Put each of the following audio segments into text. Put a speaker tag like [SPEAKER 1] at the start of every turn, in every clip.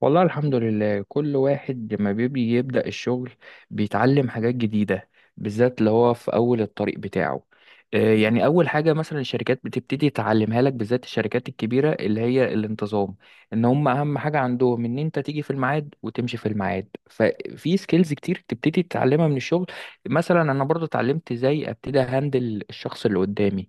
[SPEAKER 1] والله الحمد لله. كل واحد لما بيبي يبدأ الشغل بيتعلم حاجات جديدة، بالذات اللي هو في أول الطريق بتاعه. يعني أول حاجة مثلا الشركات بتبتدي تعلمها لك، بالذات الشركات الكبيرة اللي هي الانتظام. إن هم أهم حاجة عندهم إن أنت تيجي في الميعاد وتمشي في الميعاد، ففي سكيلز كتير تبتدي تتعلمها من الشغل. مثلا أنا برضو اتعلمت إزاي أبتدي أهندل الشخص اللي قدامي.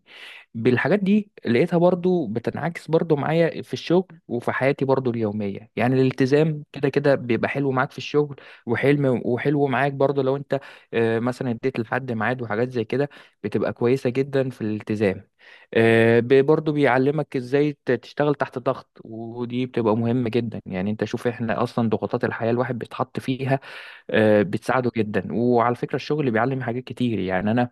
[SPEAKER 1] بالحاجات دي لقيتها برضو بتنعكس برضو معايا في الشغل وفي حياتي برضو اليومية. يعني الالتزام كده كده بيبقى حلو معاك في الشغل، وحلم وحلو معاك برضو لو انت مثلا اديت لحد ميعاد وحاجات زي كده، بتبقى كويسة جدا في الالتزام. برضو بيعلمك ازاي تشتغل تحت ضغط، ودي بتبقى مهمة جدا. يعني انت شوف احنا اصلا ضغوطات الحياة الواحد بيتحط فيها، بتساعده جدا. وعلى فكرة الشغل بيعلم حاجات كتير، يعني انا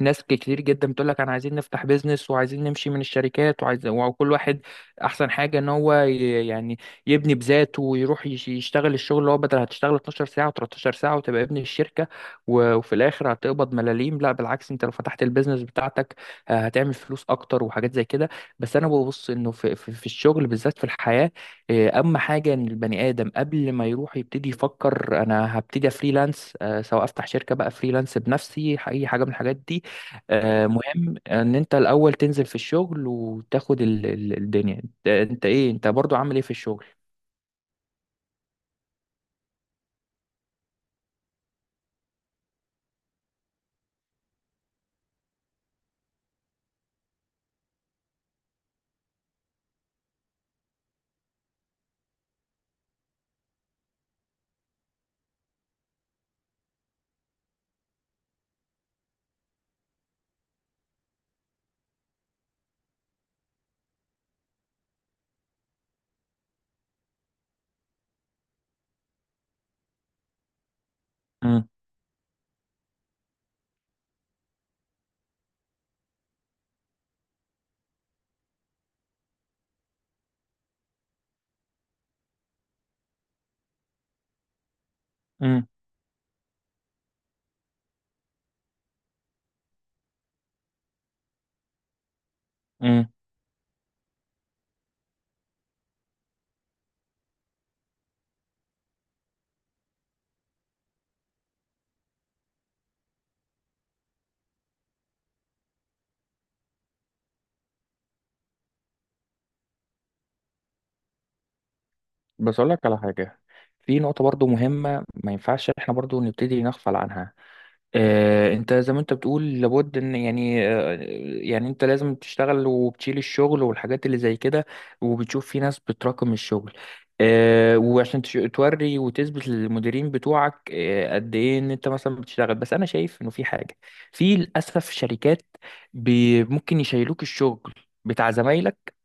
[SPEAKER 1] ناس كتير جدا بتقول لك انا عايزين نفتح بيزنس وعايزين نمشي من الشركات وعايز، وكل واحد احسن حاجه ان هو يعني يبني بذاته ويروح يشتغل الشغل، اللي هو بدل هتشتغل 12 ساعه و13 ساعه وتبقى ابن الشركه، وفي الاخر هتقبض ملاليم. لا بالعكس، انت لو فتحت البيزنس بتاعتك، هتعمل فلوس اكتر وحاجات زي كده. بس انا ببص انه في الشغل، بالذات في الحياه. اهم حاجه ان البني ادم قبل ما يروح يبتدي يفكر انا هبتدي فريلانس، سواء افتح شركه بقى، فريلانس بنفسي، اي حاجه من الحاجات دي. مهم ان انت الاول تنزل في الشغل وتاخد الدنيا. انت انت ايه، انت برضو عامل ايه في الشغل؟ امم امم امم. بس اقول لك على حاجه، في نقطه برضو مهمه ما ينفعش احنا برضو نبتدي نغفل عنها. انت زي ما انت بتقول لابد ان يعني، يعني انت لازم تشتغل وبتشيل الشغل والحاجات اللي زي كده، وبتشوف في ناس بتراكم الشغل. وعشان توري وتثبت للمديرين بتوعك قد ايه ان انت مثلا بتشتغل. بس انا شايف انه في حاجة، في للاسف شركات ممكن يشيلوك الشغل بتاع زمايلك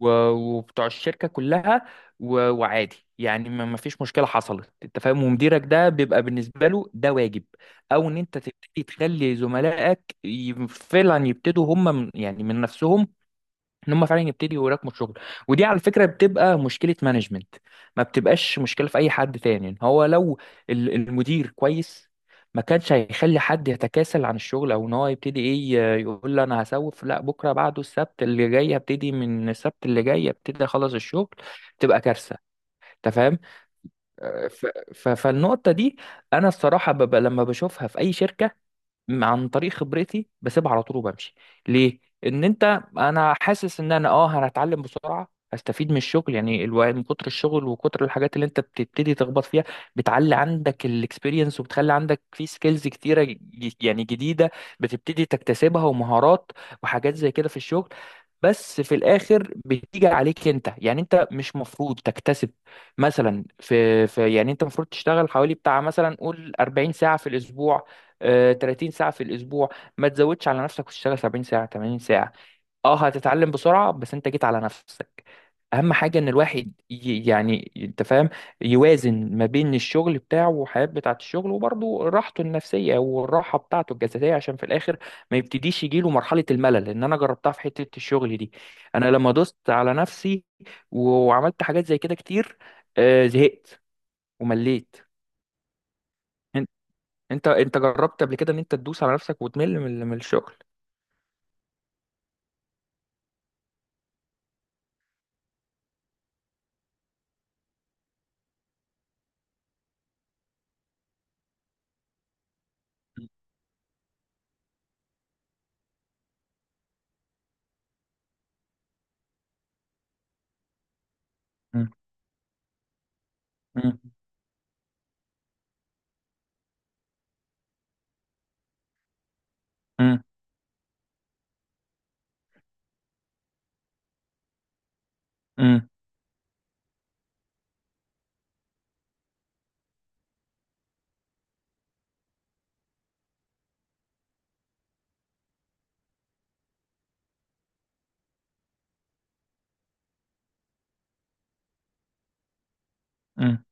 [SPEAKER 1] وبتوع الشركة كلها، وعادي. يعني ما فيش مشكلة حصلت، انت فاهم، ومديرك ده بيبقى بالنسبة له ده واجب. او ان انت تبتدي تخلي زملائك فعلا يبتدوا هم من يعني من نفسهم ان هم فعلا يبتدوا يراكموا الشغل. ودي على فكره بتبقى مشكله مانجمنت، ما بتبقاش مشكله في اي حد تاني. إن هو لو المدير كويس ما كانش هيخلي حد يتكاسل عن الشغل، او ان هو يبتدي ايه، يقول لي انا هسوف، لا بكره، بعده، السبت اللي جاي هبتدي، من السبت اللي جاي ابتدي اخلص الشغل، تبقى كارثه. انت فاهم؟ آه، ف- فالنقطه دي انا الصراحه ببقى لما بشوفها في اي شركه عن طريق خبرتي بسيبها على طول وبمشي. ليه؟ ان انت، انا حاسس ان انا اه انا هتعلم بسرعه، هستفيد من الشغل. يعني الواحد من كتر الشغل وكتر الحاجات اللي انت بتبتدي تخبط فيها، بتعلي عندك الاكسبيرينس وبتخلي عندك في سكيلز كتيره يعني جديده بتبتدي تكتسبها، ومهارات وحاجات زي كده في الشغل. بس في الاخر بتيجي عليك انت، يعني انت مش مفروض تكتسب مثلا في, في يعني انت المفروض تشتغل حوالي بتاع مثلا قول 40 ساعه في الاسبوع، 30 ساعة في الأسبوع. ما تزودش على نفسك وتشتغل 70 ساعة 80 ساعة. اه هتتعلم بسرعة، بس انت جيت على نفسك. أهم حاجة إن الواحد يعني أنت فاهم، يوازن ما بين الشغل بتاعه والحياة بتاعة الشغل، وبرضه راحته النفسية والراحة بتاعته الجسدية، عشان في الآخر ما يبتديش يجيله مرحلة الملل. لأن أنا جربتها في حتة الشغل دي. أنا لما دوست على نفسي وعملت حاجات زي كده كتير، زهقت ومليت. انت انت جربت قبل كده ان انت تدوس على نفسك وتمل من من الشغل؟ مم. مم. مم. مم. مم.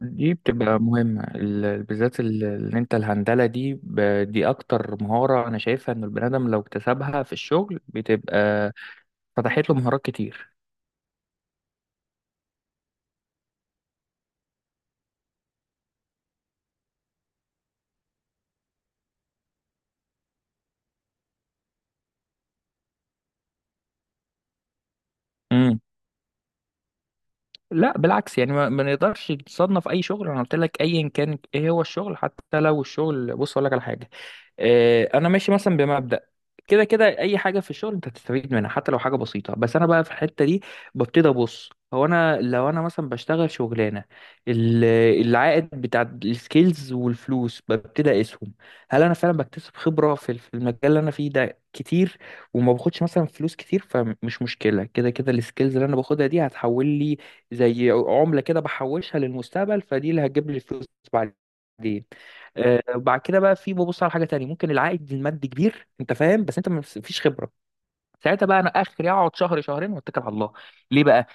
[SPEAKER 1] دي بتبقى مهمة، بالذات ان انت الهندلة دي، دي اكتر مهارة انا شايفها ان البني ادم لو اكتسبها في الشغل بتبقى فتحت له مهارات كتير. مم. لا بالعكس، يعني ما نقدرش نصنف اي شغل. انا قلت لك ايا كان ايه هو الشغل، حتى لو الشغل، بص اقول لك على حاجة. انا ماشي مثلا بمبدأ كده كده اي حاجه في الشغل انت هتستفيد منها، حتى لو حاجه بسيطه. بس انا بقى في الحته دي ببتدي ابص، هو انا لو انا مثلا بشتغل شغلانه، ال- العائد بتاع السكيلز والفلوس ببتدي اقيسهم. هل انا فعلا بكتسب خبره في في المجال اللي انا فيه ده كتير، وما باخدش مثلا فلوس كتير؟ فمش مشكله، كده كده السكيلز اللي انا باخدها دي هتحول لي زي عمله كده، بحوشها للمستقبل، فدي اللي هتجيب لي فلوس بعدين. وبعد كده بقى في ببص على حاجه تانية، ممكن العائد المادي كبير، انت فاهم، بس انت مفيش خبره. ساعتها بقى انا اخري اقعد شهر شهرين واتكل على الله. ليه بقى؟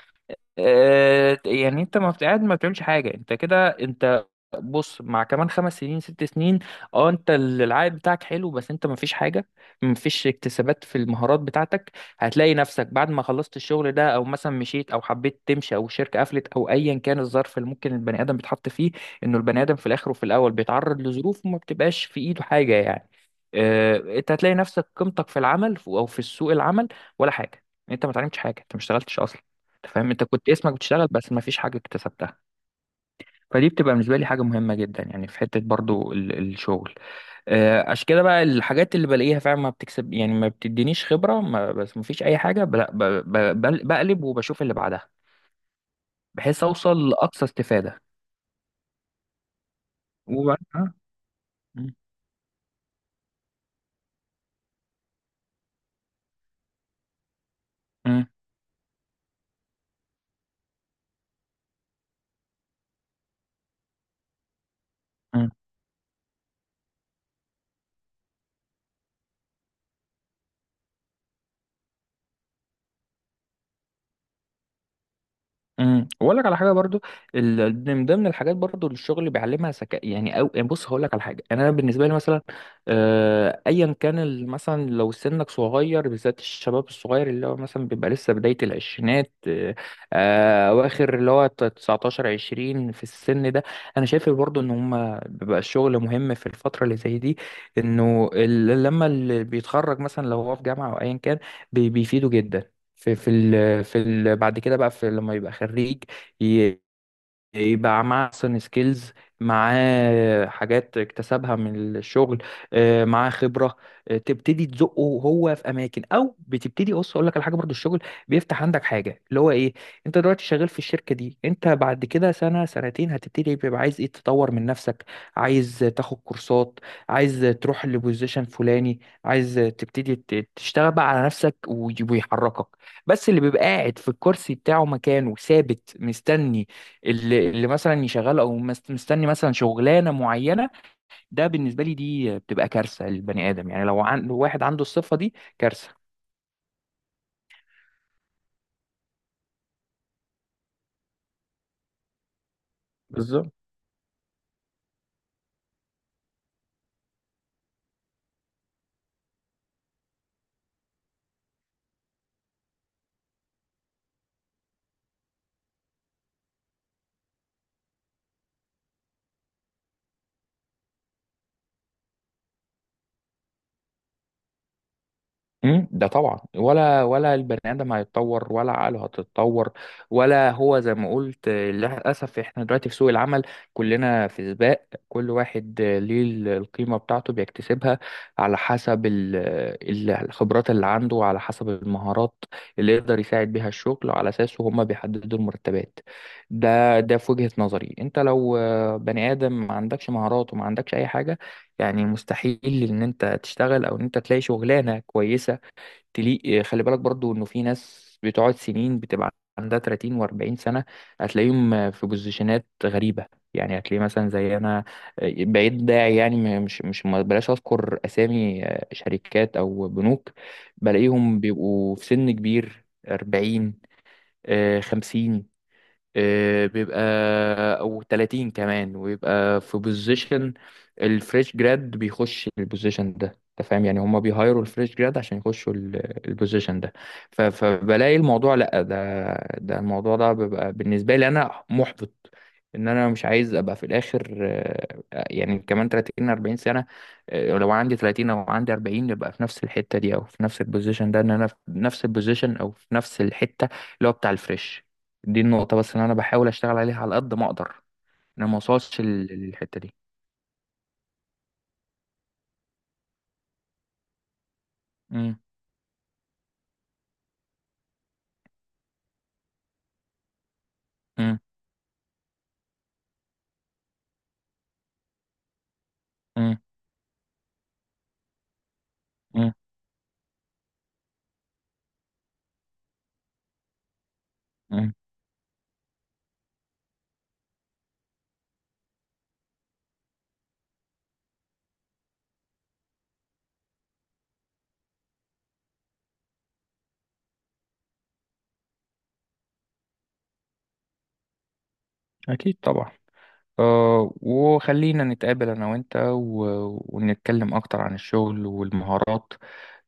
[SPEAKER 1] آه يعني انت ما بت- قاعد ما بتعملش حاجه. انت كده انت، بص مع كمان خمس سنين ست سنين، اه انت العائد بتاعك حلو، بس انت مفيش حاجه، مفيش اكتسابات في المهارات بتاعتك. هتلاقي نفسك بعد ما خلصت الشغل ده او مثلا مشيت او حبيت تمشي او الشركه قفلت، او ايا كان الظرف اللي ممكن البني ادم بيتحط فيه. انه البني ادم في الاخر وفي الاول بيتعرض لظروف وما بتبقاش في ايده حاجه يعني. اه انت هتلاقي نفسك، قيمتك في العمل او في سوق العمل ولا حاجه، انت ما اتعلمتش حاجه، انت ما اشتغلتش اصلا. انت فاهم، انت كنت اسمك بتشتغل بس مفيش حاجه اكتسبتها. فدي بتبقى بالنسبة لي حاجة مهمة جدا، يعني في حتة برضو الشغل. عشان كده بقى الحاجات اللي بلاقيها فعلا ما بتكسب، يعني ما بتدينيش خبرة ما، بس ما فيش أي حاجة بقلب وبشوف اللي بعدها، بحيث أوصل لأقصى استفادة. وبعد- آه. م- م- م. واقول لك على حاجه برضو، ده من الحاجات برضو اللي الشغل بيعلمها، ذكاء يعني. او يعني بص هقول لك على حاجه انا بالنسبه لي مثلا، ايا كان مثلا لو سنك صغير، بالذات الشباب الصغير اللي هو مثلا بيبقى لسه بدايه العشرينات، اواخر اللي هو 19 20 في السن ده. انا شايف برضو ان هم بيبقى الشغل مهم في الفتره اللي زي دي. انه لما اللي بيتخرج مثلا لو هو في جامعه او ايا كان بيفيده جدا في في ال في ال بعد كده بقى في لما يبقى خريج، ي- يبقى معاه احسن سكيلز، معاه حاجات اكتسبها من الشغل، معاه خبره، تبتدي تزقه هو في اماكن. او بتبتدي، بص اقول لك على حاجه برضو، الشغل بيفتح عندك حاجه اللي هو ايه، انت دلوقتي شغال في الشركه دي، انت بعد كده سنه سنتين هتبتدي بيبقى عايز ايه تطور من نفسك، عايز تاخد كورسات، عايز تروح لبوزيشن فلاني، عايز تبتدي تشتغل بقى على نفسك ويحركك. بس اللي بيبقى قاعد في الكرسي بتاعه مكانه ثابت مستني، اللي مثلا يشغل او مستني مثلا شغلانه معينه، ده بالنسبه لي دي بتبقى كارثه للبني ادم. يعني لو لو واحد عنده الصفه دي كارثه. بالظبط. مم، ده طبعا، ولا البني ادم هيتطور ولا عقله هتتطور. ولا هو زي ما قلت، للاسف احنا دلوقتي في سوق العمل، كلنا في سباق، كل واحد ليه القيمه بتاعته بيكتسبها على حسب الخبرات اللي عنده، على حسب المهارات اللي يقدر يساعد بيها الشغل، على اساسه هما بيحددوا المرتبات. ده ده في وجهه نظري انت لو بني ادم ما عندكش مهارات وما عندكش اي حاجه، يعني مستحيل ان انت تشتغل او ان انت تلاقي شغلانه كويسه تليق. خلي بالك برضو انه في ناس بتقعد سنين بتبقى عندها 30 و40 سنة، هتلاقيهم في بوزيشنات غريبة. يعني هتلاقيه مثلا زي انا، بقيت داعي، يعني مش مش ما بلاش اذكر اسامي، شركات او بنوك، بلاقيهم بيبقوا في سن كبير 40 50، بيبقى او 30 كمان، ويبقى في بوزيشن الفريش جراد بيخش البوزيشن ده. انت فاهم؟ يعني هما بيهايروا الفريش جراد عشان يخشوا البوزيشن ده. فبلاقي الموضوع، لا ده ده الموضوع ده بيبقى بالنسبه لي انا محبط، ان انا مش عايز ابقى في الاخر، يعني كمان 30 40 سنه، لو عندي 30 او عندي 40 يبقى في نفس الحته دي او في نفس البوزيشن ده، ان انا في نفس البوزيشن او في نفس الحته اللي هو بتاع الفريش. دي النقطة بس اللي أنا بحاول أشتغل عليها على قد ما أقدر، أنا ما أوصلش للحتة دي. مم. مم. مم. مم. مم. أكيد طبعا. أه وخلينا نتقابل أنا وأنت ونتكلم أكتر عن الشغل والمهارات.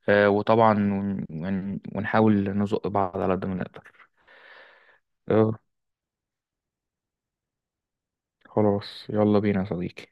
[SPEAKER 1] أه وطبعا ونحاول نزق بعض على قد ما نقدر. أه. خلاص، يلا بينا يا صديقي.